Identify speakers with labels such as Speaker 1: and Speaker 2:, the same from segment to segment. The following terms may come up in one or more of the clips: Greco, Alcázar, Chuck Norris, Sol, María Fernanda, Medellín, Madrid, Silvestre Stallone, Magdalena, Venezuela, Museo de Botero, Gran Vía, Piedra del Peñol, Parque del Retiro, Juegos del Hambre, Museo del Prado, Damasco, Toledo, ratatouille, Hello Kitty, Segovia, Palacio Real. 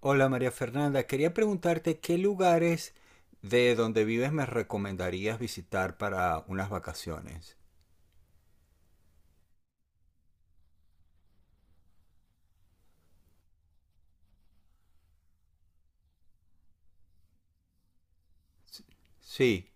Speaker 1: Hola María Fernanda, quería preguntarte qué lugares de donde vives me recomendarías visitar para unas vacaciones. Sí.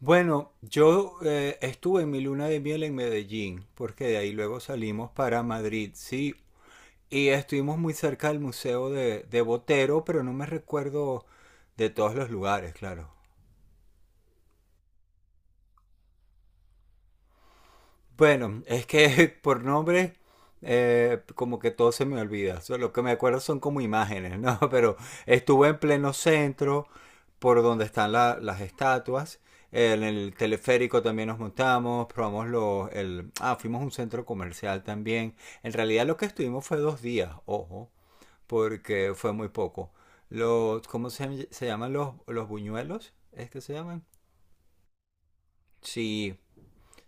Speaker 1: Bueno, yo estuve en mi luna de miel en Medellín, porque de ahí luego salimos para Madrid, sí. Y estuvimos muy cerca del Museo de Botero, pero no me recuerdo de todos los lugares, claro. Bueno, es que por nombre, como que todo se me olvida. So, lo que me acuerdo son como imágenes, ¿no? Pero estuve en pleno centro, por donde están las estatuas. En el teleférico también nos montamos, probamos los... El, ah, fuimos a un centro comercial también. En realidad lo que estuvimos fue dos días, ojo, porque fue muy poco. Los, ¿cómo se llaman los buñuelos? ¿Es que se llaman? Sí.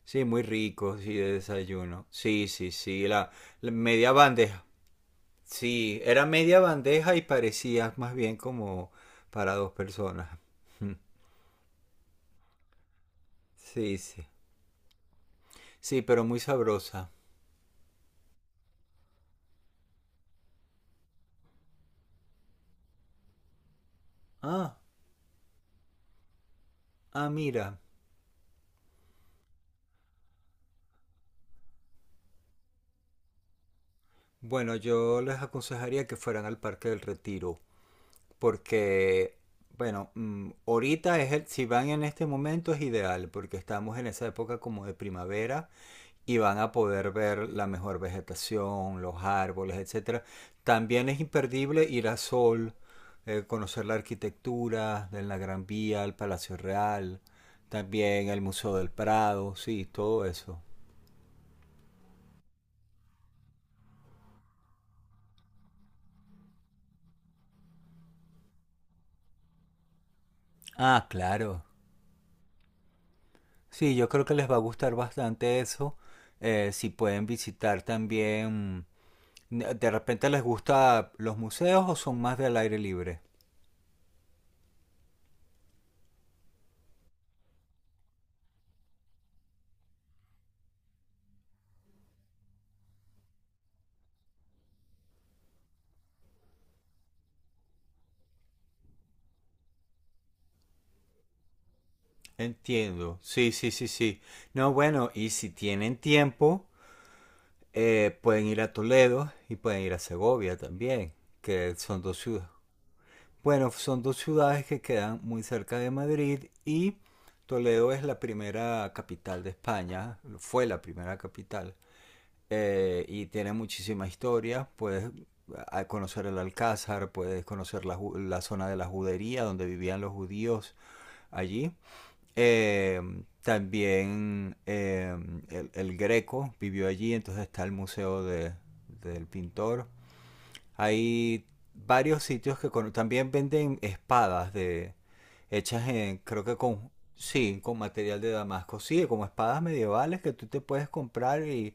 Speaker 1: Sí, muy rico, sí, de desayuno. Sí, sí, sí, la media bandeja. Sí, era media bandeja y parecía más bien como para dos personas. Sí, sí. Sí, pero muy sabrosa. Ah, ah, mira. Bueno, yo les aconsejaría que fueran al Parque del Retiro, porque, bueno, ahorita es el, si van en este momento es ideal, porque estamos en esa época como de primavera y van a poder ver la mejor vegetación, los árboles, etcétera. También es imperdible ir a Sol, conocer la arquitectura de la Gran Vía, el Palacio Real, también el Museo del Prado, sí, todo eso. Ah, claro. Sí, yo creo que les va a gustar bastante eso. Si pueden visitar también, de repente les gusta los museos o son más del aire libre. Entiendo. Sí, sí, sí, sí. No, bueno, y si tienen tiempo, pueden ir a Toledo y pueden ir a Segovia también, que son dos ciudades. Bueno, son dos ciudades que quedan muy cerca de Madrid y Toledo es la primera capital de España, fue la primera capital y tiene muchísima historia. Puedes conocer el Alcázar, puedes conocer la zona de la judería donde vivían los judíos allí. Eh, también el Greco vivió allí, entonces está el del Pintor. Hay varios sitios que también venden espadas de hechas en, creo que con, sí, con material de Damasco, sí, como espadas medievales que tú te puedes comprar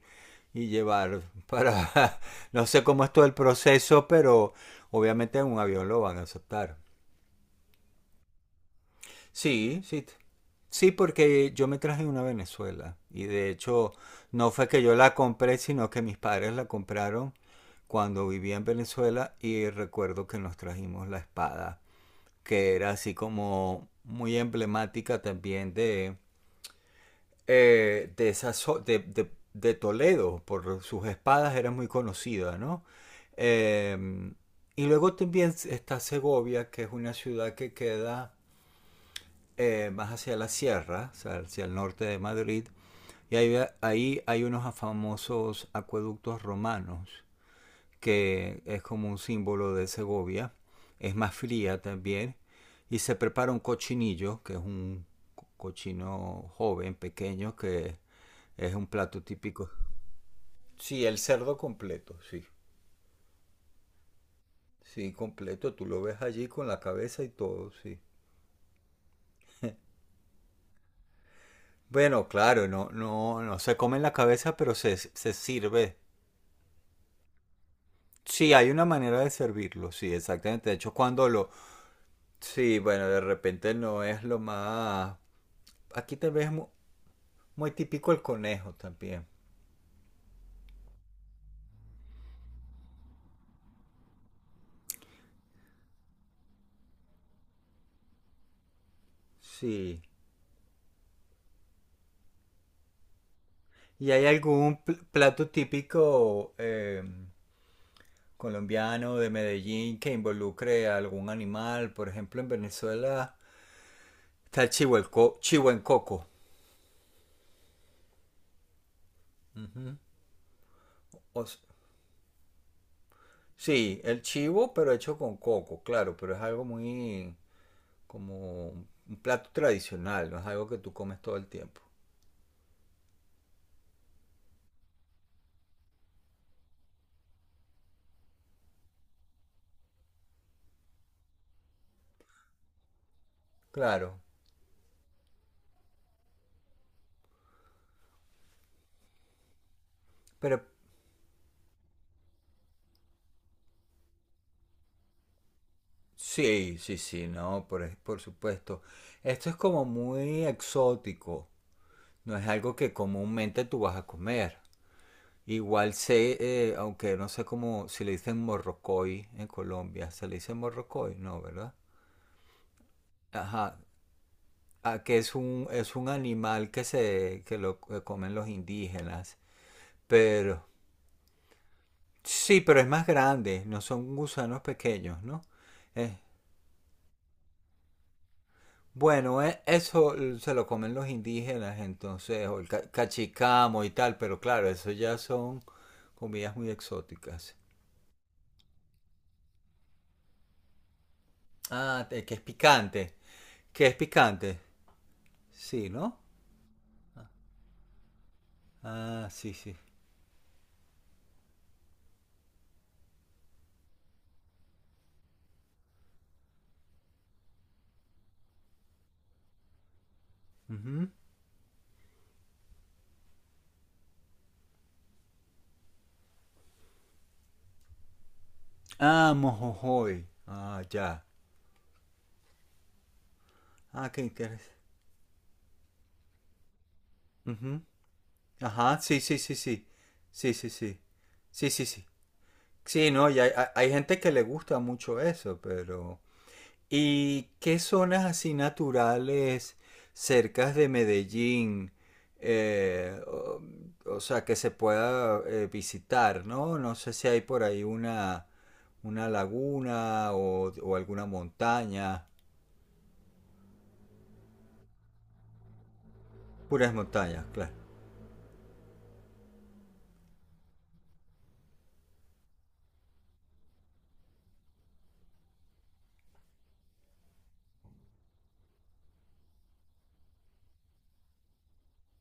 Speaker 1: y llevar para, no sé cómo es todo el proceso, pero obviamente en un avión lo van a aceptar. Sí, sí. Sí, porque yo me traje una a Venezuela y de hecho no fue que yo la compré, sino que mis padres la compraron cuando vivía en Venezuela y recuerdo que nos trajimos la espada, que era así como muy emblemática también de, de Toledo, por sus espadas era muy conocida, ¿no? Em, y luego también está Segovia, que es una ciudad que queda más hacia la sierra, o sea, hacia el norte de Madrid, y ahí hay unos famosos acueductos romanos, que es como un símbolo de Segovia, es más fría también, y se prepara un cochinillo, que es un cochino joven, pequeño, que es un plato típico. Sí, el cerdo completo, sí. Sí, completo, tú lo ves allí con la cabeza y todo, sí. Bueno, claro, no, no, no se come en la cabeza, pero se sirve. Sí, hay una manera de servirlo, sí, exactamente. De hecho, cuando lo... Sí, bueno, de repente no es lo más... Aquí tal vez es muy, típico el conejo también. Sí. ¿Y hay algún plato típico colombiano de Medellín que involucre a algún animal? Por ejemplo, en Venezuela está el chivo, el chivo en coco. O s- sí, el chivo, pero hecho con coco, claro, pero es algo muy... como un plato tradicional, no es algo que tú comes todo el tiempo. Claro, pero sí, sí, sí, no, por supuesto. Esto es como muy exótico, no es algo que comúnmente tú vas a comer. Igual sé, aunque no sé cómo, si le dicen morrocoy en Colombia, se le dice morrocoy, no, ¿verdad? Ajá, ah, que es un animal que se, que lo que comen los indígenas, pero sí, pero es más grande, no son gusanos pequeños, ¿no? Eh, bueno, eso se lo comen los indígenas, entonces, o el cachicamo y tal, pero claro, eso ya son comidas muy exóticas. Ah, te- que es picante, que es picante, sí, ¿no? Ah, sí, sí. Ujú. Ah, mojojoy. Ah, ya. Ah, qué interesante. Ajá, sí, sí, sí, sí. Sí, sí, sí. Sí, sí, sí. Sí, no, y hay, hay gente que le gusta mucho eso, pero... ¿Y qué zonas así naturales cercas de Medellín? eh, o, o sea, que se pueda visitar, ¿no? No sé si hay por ahí una laguna o alguna montaña. Puras montañas, claro.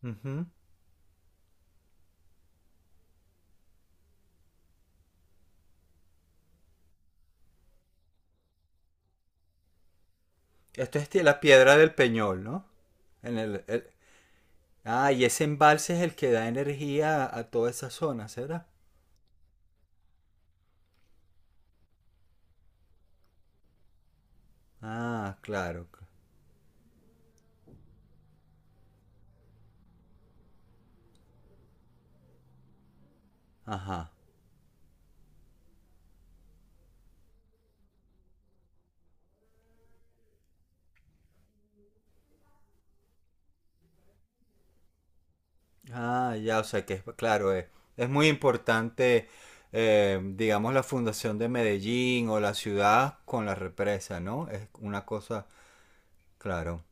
Speaker 1: Ujú. Esto es de la Piedra del Peñol, ¿no? En el, el- Ah, y ese embalse es el que da energía a toda esa zona, ¿será? Ah, claro. Ajá. Ah, ya, o sea que es, claro, es muy importante, digamos, la fundación de Medellín o la ciudad con la represa, ¿no? Es una cosa, claro.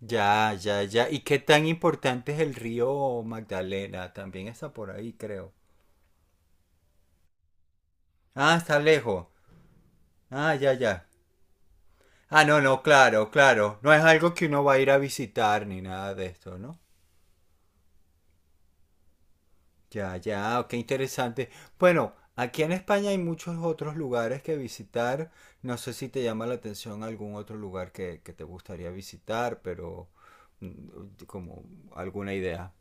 Speaker 1: Ya, ya, ya. ¿Y qué tan importante es el río Magdalena? También está por ahí, creo. Ah, está lejos. Ah, ya, ya. Ah, no, no, claro, claro. No es algo que uno va a ir a visitar ni nada de esto, ¿no? Ya, ya, qué interesante. Bueno, aquí en España hay muchos otros lugares que visitar. No sé si te llama la atención algún otro lugar que te gustaría visitar, pero como alguna idea.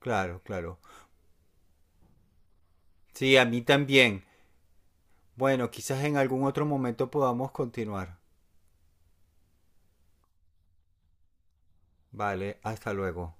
Speaker 1: Claro, claro. Sí, a mí también. Bueno, quizás en algún otro momento podamos continuar. Vale, hasta luego.